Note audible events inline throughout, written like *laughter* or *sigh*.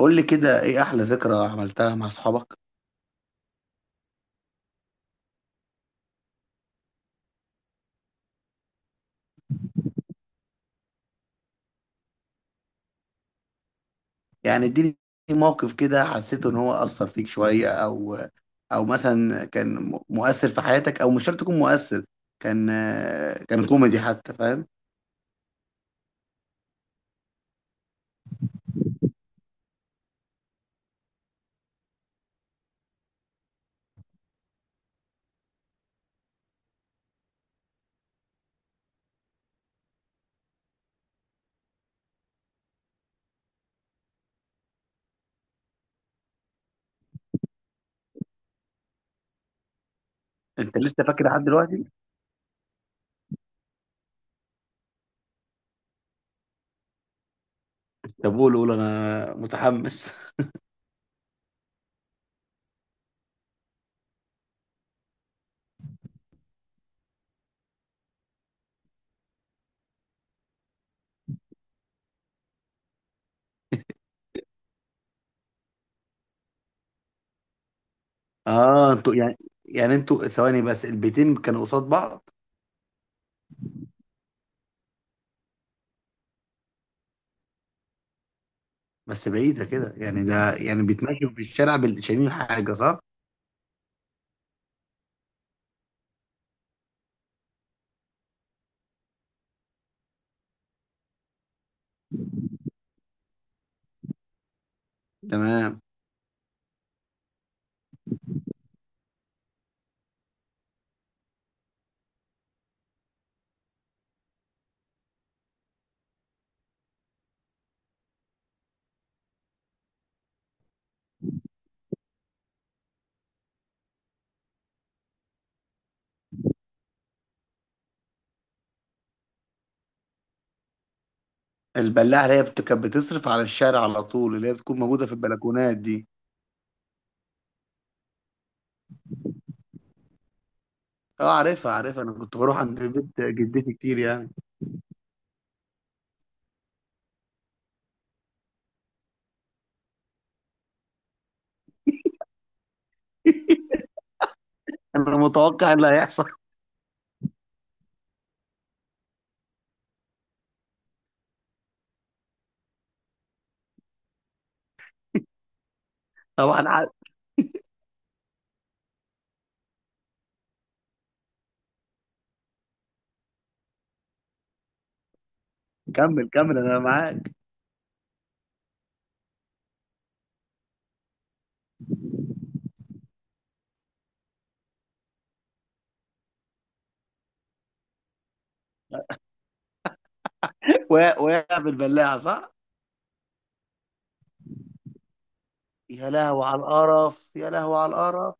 قول لي كده ايه احلى ذكرى عملتها مع اصحابك؟ يعني اديني موقف كده حسيت ان هو اثر فيك شوية او او مثلا كان مؤثر في حياتك، او مش شرط يكون مؤثر، كان آه، كان كوميدي حتى، فاهم؟ انت لسه فاكر لحد دلوقتي؟ طب قول قول انا متحمس. *laughs* اه انتوا يعني، يعني انتوا ثواني بس، البيتين كانوا قصاد بعض؟ بس بعيدة كده يعني، ده يعني بيتمشوا في الشارع شايلين حاجة، صح؟ تمام. البلاعه اللي هي كانت بتصرف على الشارع على طول، اللي هي بتكون موجوده في البلكونات دي؟ اه عارفها عارفها، انا كنت بروح عند بيت جدتي كتير يعني. انا متوقع اللي هيحصل. *laughs* طبعا عارف. كمل كمل انا معاك. وقع وقع بالبلاعه، صح؟ يا لهوي على القرف، يا لهوي على القرف.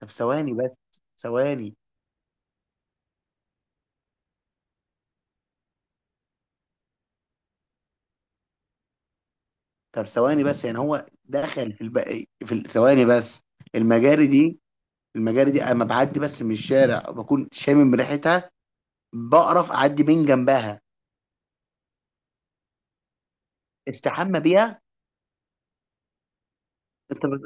طب ثواني بس، ثواني، طب ثواني بس، يعني هو دخل في في ثواني بس، المجاري دي، المجاري دي اما بعدي بس من الشارع بكون شامم ريحتها، بقرف اعدي من جنبها. استحمى بيها. أنت بت...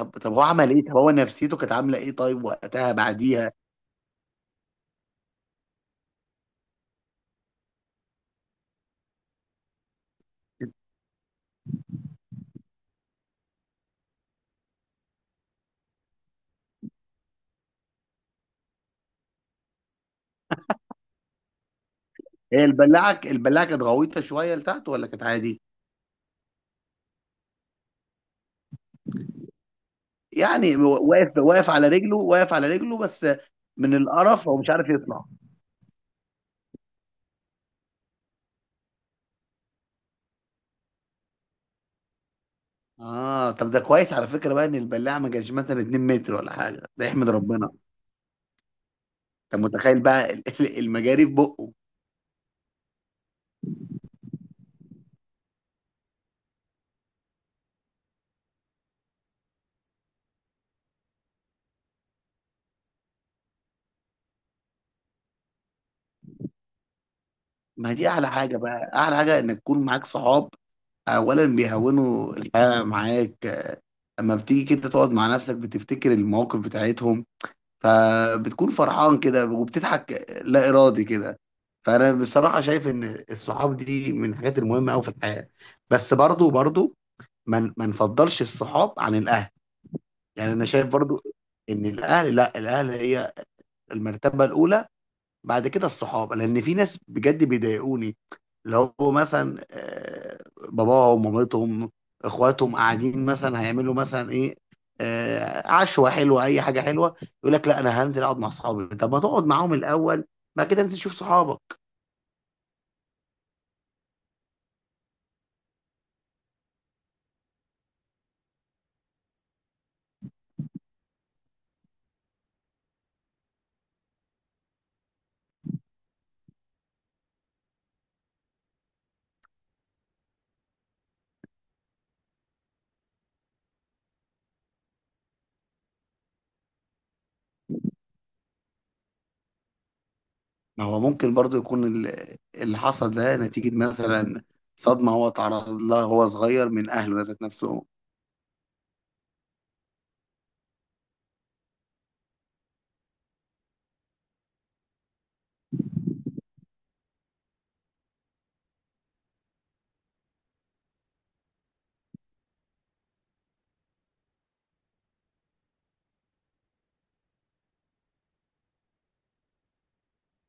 طب طب هو عمل إيه؟ طب هو نفسيته كانت عاملة إيه طيب وقتها بعديها؟ هي البلاعة البلاعة كانت غويطة شوية لتحت ولا كانت عادي؟ يعني واقف واقف على رجله، واقف على رجله بس؟ من القرف هو مش عارف يطلع. آه طب ده كويس على فكرة بقى إن البلاعة ما كانش مثلا 2 متر ولا حاجة، ده يحمد ربنا. أنت متخيل بقى المجاري في بقه؟ ما دي أعلى حاجة بقى، أعلى حاجة إنك تكون معاك صحاب، أولا بيهونوا الحياة معاك، آه، أما بتيجي كده تقعد مع نفسك بتفتكر المواقف بتاعتهم، فبتكون فرحان كده وبتضحك لا إرادي كده. فأنا بصراحة شايف إن الصحاب دي من الحاجات المهمة أوي في الحياة، بس برضو برضو ما نفضلش الصحاب عن الأهل. يعني أنا شايف برضو إن الأهل، لا الأهل هي المرتبة الأولى، بعد كده الصحاب، لان في ناس بجد بيضايقوني، اللي هو مثلا آه، باباهم مامتهم اخواتهم قاعدين مثلا، هيعملوا مثلا ايه، آه، عشوه حلوه اي حاجه حلوه، يقول لك لا انا هنزل اقعد مع صحابي. طب ما تقعد معاهم الاول، بعد كده انزل شوف صحابك. ما هو ممكن برضو يكون اللي حصل ده نتيجه مثلا صدمه هو تعرض لها وهو صغير من اهله ذات نفسهم.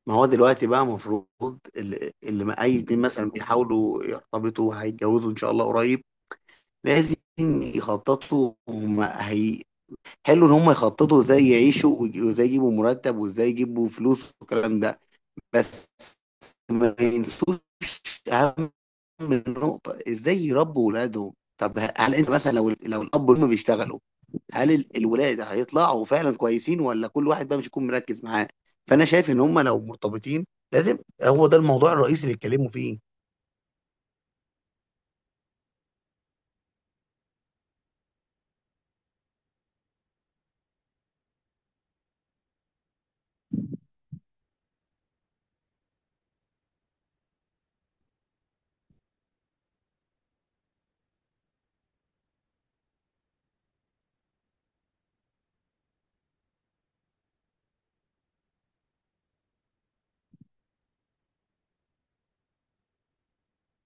ما هو دلوقتي بقى المفروض، اللي ما اي اتنين مثلا بيحاولوا يرتبطوا هيتجوزوا ان شاء الله قريب، لازم يخططوا هم هي، حلو ان هم يخططوا ازاي يعيشوا وازاي يجيبوا مرتب وازاي يجيبوا فلوس والكلام ده، بس ما ينسوش اهم نقطة، ازاي يربوا ولادهم. طب هل انت مثلا لو الاب والام بيشتغلوا، هل الولاد هيطلعوا فعلا كويسين، ولا كل واحد بقى مش يكون مركز معاه؟ فانا شايف ان هم لو مرتبطين لازم، هو ده الموضوع الرئيسي اللي يتكلموا فيه.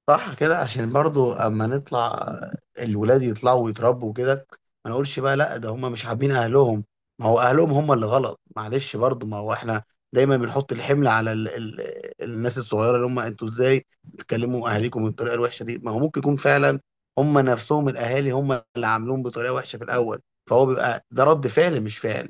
صح كده، عشان برضو اما نطلع الولاد يطلعوا ويتربوا كده، ما نقولش بقى لا ده هم مش حابين اهلهم، ما هو اهلهم هم اللي غلط، معلش برضو ما هو احنا دايما بنحط الحمل على ال الناس الصغيره، اللي هم انتوا ازاي بتكلموا اهاليكم بالطريقه الوحشه دي، ما هو ممكن يكون فعلا هم نفسهم الاهالي هم اللي عاملين بطريقه وحشه في الاول، فهو بيبقى ده رد فعل مش فعل.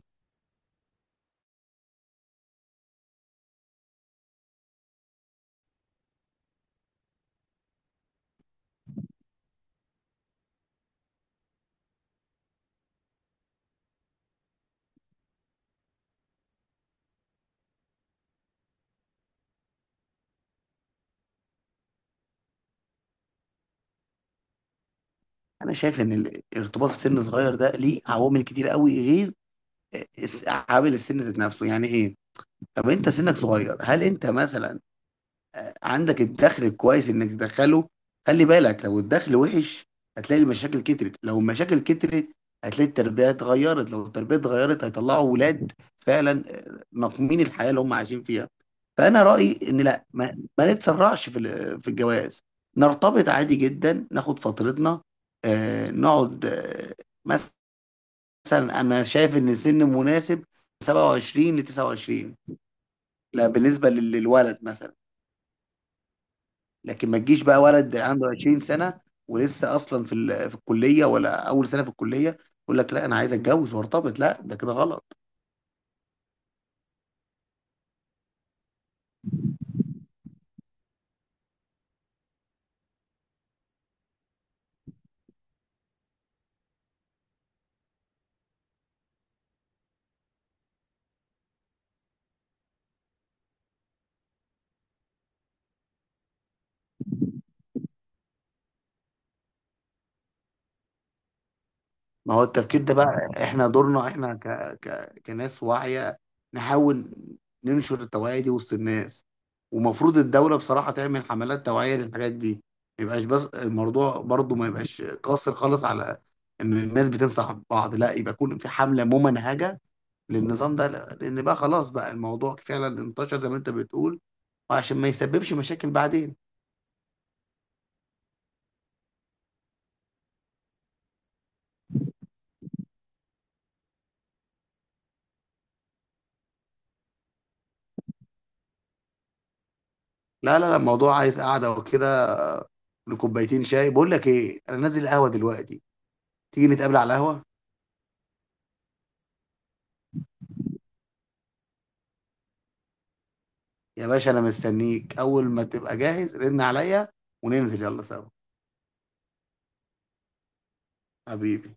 انا شايف ان الارتباط في سن صغير ده ليه عوامل كتير قوي غير عامل السن ذات نفسه، يعني ايه؟ طب انت سنك صغير، هل انت مثلا عندك الدخل الكويس انك تدخله؟ خلي بالك لو الدخل وحش، هتلاقي المشاكل كترت، لو المشاكل كترت هتلاقي التربية اتغيرت، لو التربية اتغيرت هيطلعوا ولاد فعلا مقمين الحياة اللي هم عايشين فيها. فانا رأيي ان لا، ما نتسرعش في في الجواز، نرتبط عادي جدا ناخد فترتنا، آه نقعد آه مثلا، انا شايف ان سن مناسب 27 ل 29، لا بالنسبة للولد مثلا. لكن ما تجيش بقى ولد عنده 20 سنة ولسه أصلا في في الكلية ولا أول سنة في الكلية، يقول لك لا أنا عايز أتجوز وأرتبط، لا ده كده غلط. ما هو التفكير ده بقى إحنا دورنا، إحنا كناس واعية نحاول ننشر التوعية دي وسط الناس، ومفروض الدولة بصراحة تعمل حملات توعية للحاجات دي، ما يبقاش بس الموضوع برضو ما يبقاش قاصر خالص على إن الناس بتنصح بعض، لا يبقى يكون في حملة ممنهجة للنظام ده، لا. لان بقى خلاص بقى الموضوع فعلا انتشر زي ما انت بتقول، وعشان ما يسببش مشاكل بعدين. لا لا لا، الموضوع عايز قعده وكده، لكوبايتين شاي، بقول لك ايه، انا نازل القهوه دلوقتي، تيجي نتقابل على القهوه؟ يا باشا انا مستنيك، اول ما تبقى جاهز رن عليا وننزل يلا سوا. حبيبي.